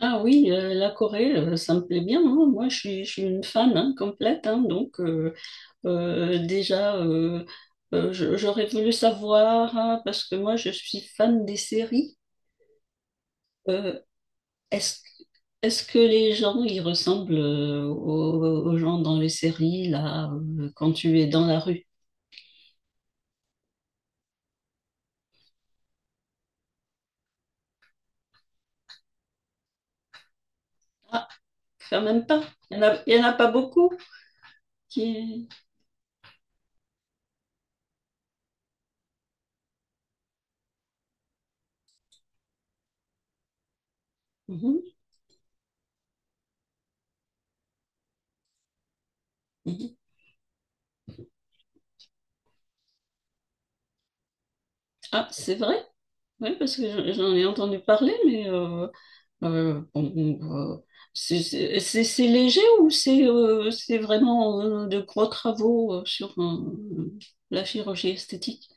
Ah oui, la Corée, ça me plaît bien, hein. Moi, je suis une fan, hein, complète, hein. Donc, déjà, j'aurais voulu savoir, hein, parce que moi, je suis fan des séries. Euh, est-ce, est-ce que les gens, ils ressemblent, aux gens dans les séries, là, quand tu es dans la rue? Ah, quand même pas. Il y en a pas beaucoup qui... Mhm, mhm. Ah, c'est vrai? Oui, parce que j'en ai entendu parler, mais... bon, on, euh, c'est léger ou c'est vraiment, de gros travaux, sur, la chirurgie esthétique?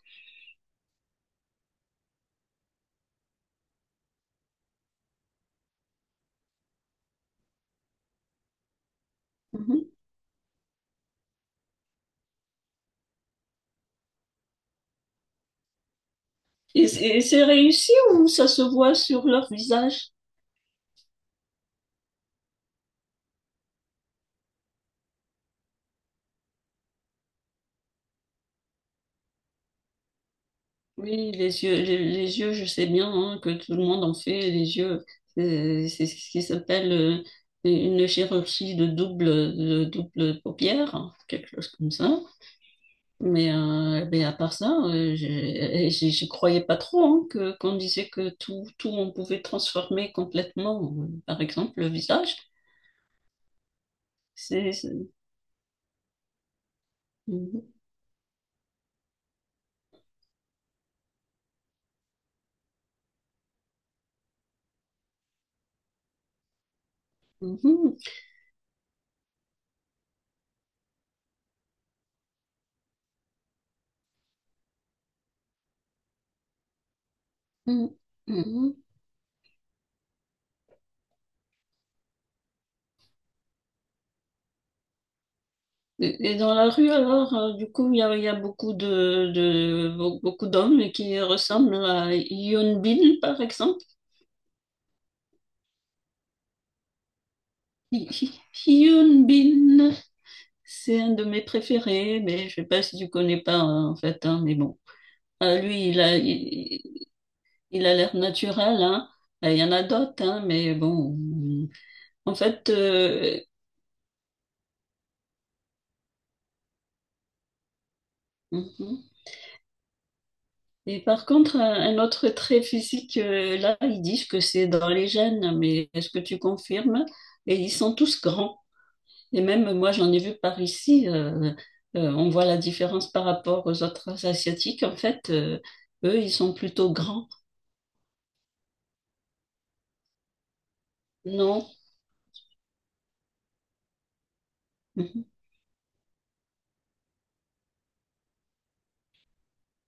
Mhm. Et c'est réussi ou ça se voit sur leur visage? Oui, les yeux, les yeux, je sais bien, hein, que tout le monde en fait les yeux. C'est ce qui s'appelle, une chirurgie de double paupière, hein, quelque chose comme ça. Mais à part ça, j'y croyais pas trop, hein, que qu'on disait que tout, tout on pouvait transformer complètement, par exemple le visage. C'est, c'est- Mhm, mhm, mhm, mhm. Et dans la rue alors, du coup, il y a beaucoup beaucoup d'hommes qui ressemblent à Hyun Bin, par exemple. Hy- Hy- Hyun Bin, c'est un de mes préférés, mais je sais pas si tu connais pas, hein, en fait, hein, mais bon. Lui, il a l'air naturel, hein. Il y en a d'autres, hein, mais bon. En fait, mhm. Et par contre, un autre trait physique, là, ils disent que c'est dans les gènes, mais est-ce que tu confirmes? Et ils sont tous grands. Et même moi, j'en ai vu par ici. On voit la différence par rapport aux autres Asiatiques. En fait, eux, ils sont plutôt grands. Non. Mhm.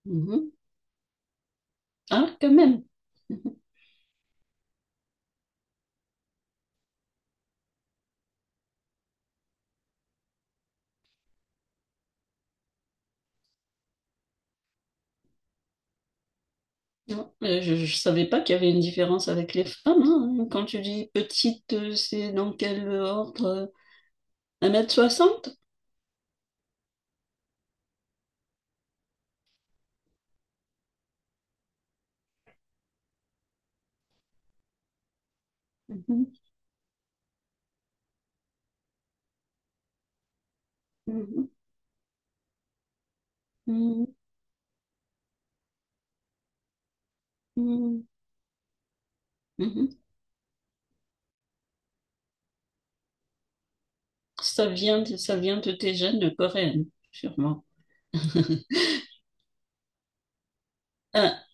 Mhm. Ah, quand même. Ouais, mais je ne savais pas qu'il y avait une différence avec les femmes, hein. Quand tu dis petite, c'est dans quel ordre? 1,60 m. Mhm, mhm, mhm, mhm, mhm. Ça vient de tes gènes coréennes, sûrement. Ah,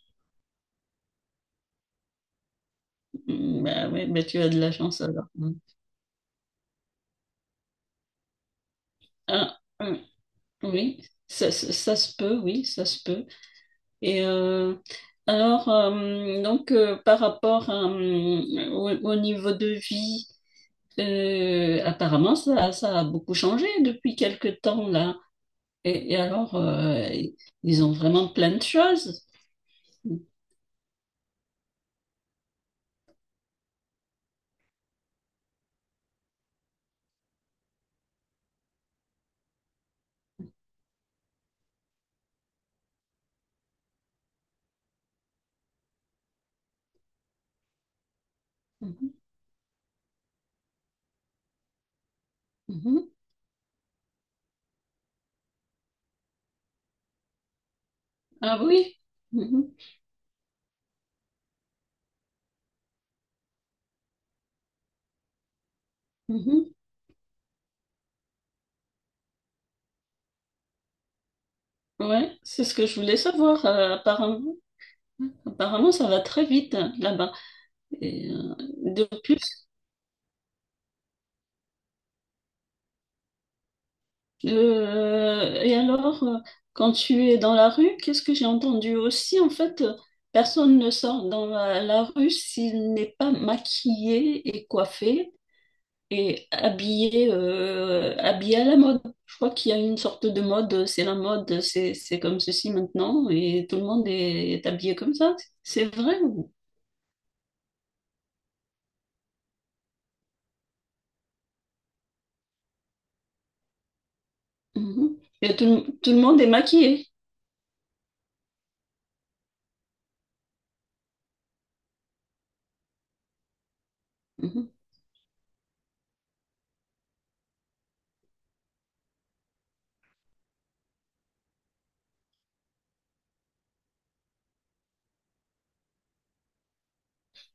mm, bah ouais, bah tu as de la chance alors. Mm. Ah, mm, oui, ça se peut, oui, ça se peut. Et alors, donc, par rapport à, au niveau de vie, apparemment, ça a beaucoup changé depuis quelque temps là. Et alors, ils ont vraiment plein de choses. Mhm, mhm. Ah oui. Mhm, mhm. Ouais, c'est ce que je voulais savoir. Apparemment, ça va très vite, hein, là-bas. Et de plus, euh, et alors, euh, quand tu es dans la rue, qu'est-ce que j'ai entendu aussi? En fait, personne ne sort dans la rue s'il n'est pas maquillé et coiffé. Et habillé à la mode. Je crois qu'il y a une sorte de mode, c'est la mode, c'est comme ceci maintenant, et tout le monde est habillé comme ça. C'est vrai. Mhm. Tout le monde est maquillé. Mhm.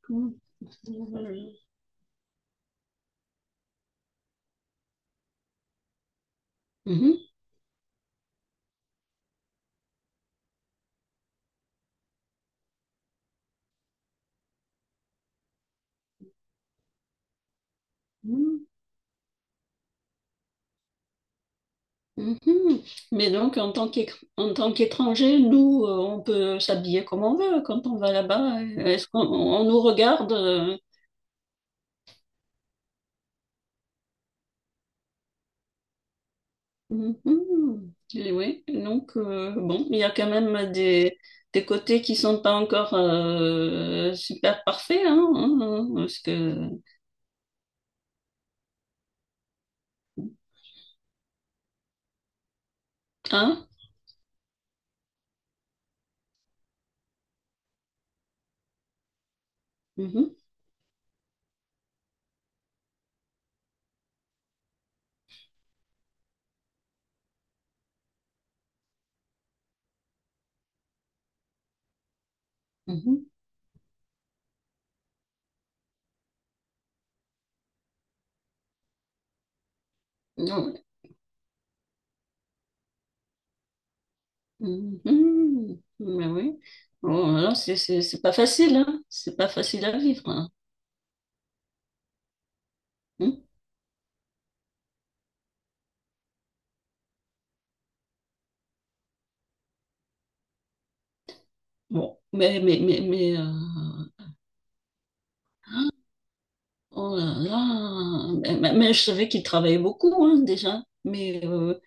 Tout Mhm. Mhm. Mhm. Mais donc, en tant qu'étranger, nous, on peut s'habiller comme on veut quand on va là-bas. Est-ce qu'on on nous regarde? Mhm. Et oui, donc bon, il y a quand même des, côtés qui sont pas encore, super parfaits, hein, hein, hein, parce que hein, mhm, mhm. Non, mhm. Mais oui, bon, alors c'est pas facile, hein, c'est pas facile à vivre, hein. Hmm. Bon, oh là là, mais je savais qu'il travaillait beaucoup, hein, déjà,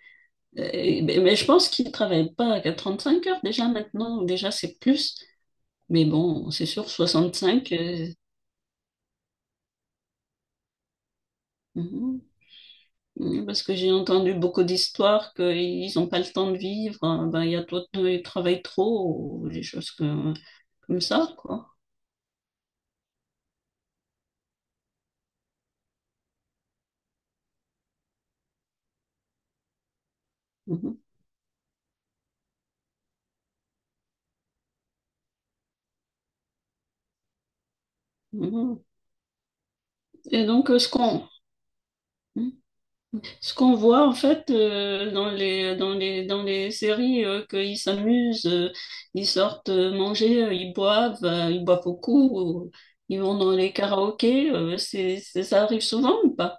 Mais je pense qu'ils ne travaillent pas à 35 heures déjà maintenant, déjà c'est plus. Mais bon, c'est sûr, 65, mhm, mhm, parce que j'ai entendu beaucoup d'histoires qu'ils n'ont pas le temps de vivre, hein, ben, il y a trop, ils travaillent trop, ou comme ça, quoi. Mhm, mhm. Et donc, ce qu'on... mhm. Ce qu'on voit en fait, dans les séries, qu'ils s'amusent, ils sortent, manger, ils boivent beaucoup, ou ils vont dans les karaokés, ça arrive souvent ou pas?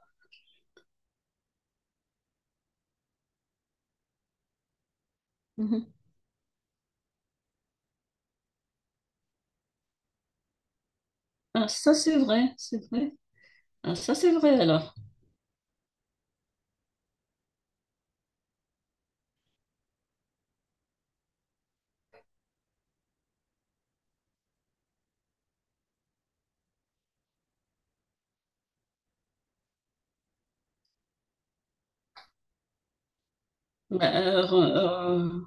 Mhm. Ah, ça c'est vrai, c'est vrai. Ah, ça c'est vrai alors. Bah, euh, re- euh,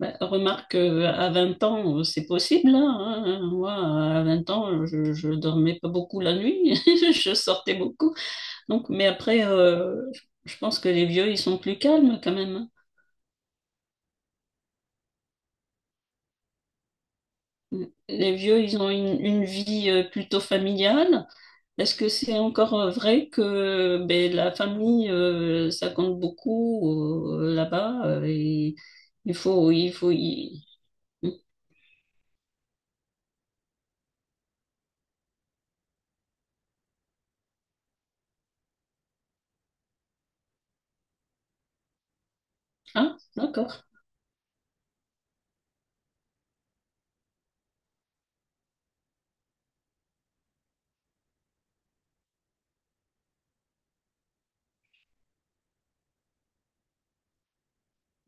bah, remarque, à 20 ans, c'est possible, hein, hein, hein. Moi, à 20 ans, je dormais pas beaucoup la nuit, je sortais beaucoup. Donc, mais après, je pense que les vieux, ils sont plus calmes quand même, hein. Les vieux, ils ont une vie, plutôt familiale. Est-ce que c'est encore, vrai que ben, la famille, ça compte beaucoup, là-bas, et il faut y... Hmm. Ah, d'accord.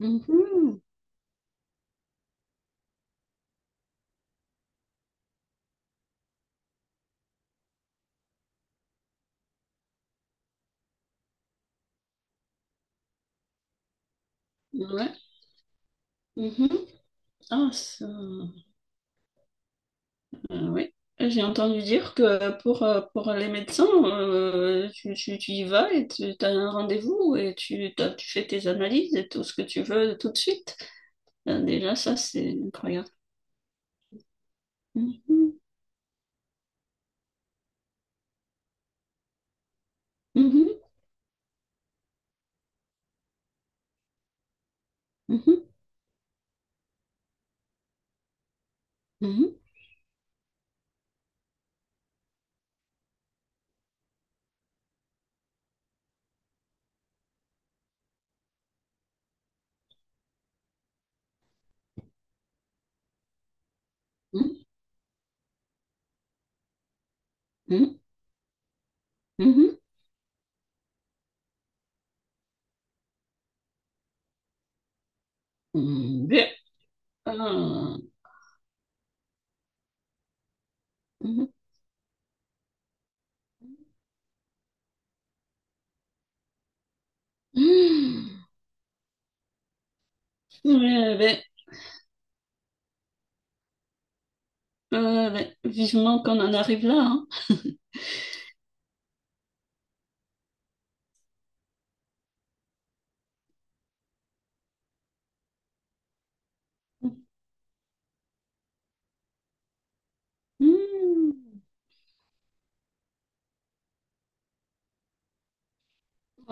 Mhm. Ouais. Mhm. Ah, ça... Oui, j'ai entendu dire que pour les médecins, tu y vas et tu as un rendez-vous et tu fais tes analyses et tout ce que tu veux tout de suite. Déjà, ça, c'est incroyable. Mhm, mhm, mhm, mhm, mhm, mhm, mhm. Mm. Bien. Ah, mhm. Mm. Ouais. Mmh, mmh. Ouais, ouais, ouais, ouais. Vivement qu'on en arrive là, hein. Mm.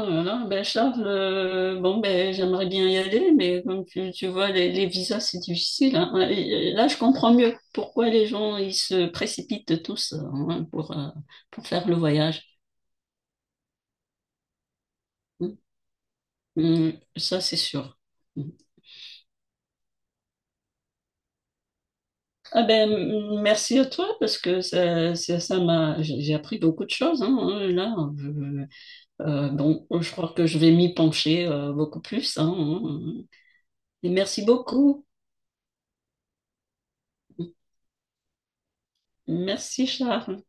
Oh là là, ben Charles, bon ben j'aimerais bien y aller, mais comme tu vois, les visas c'est difficile, hein. Et là, je comprends mieux pourquoi les gens ils se précipitent tous, hein, pour faire le voyage. Hum, ça c'est sûr. Hum. Ah ben, merci à toi parce que ça ça ça m'a j'ai appris beaucoup de choses, hein, hein, là. Bon, je crois que je vais m'y pencher, beaucoup plus, hein, hein. Et merci beaucoup. Merci Charles.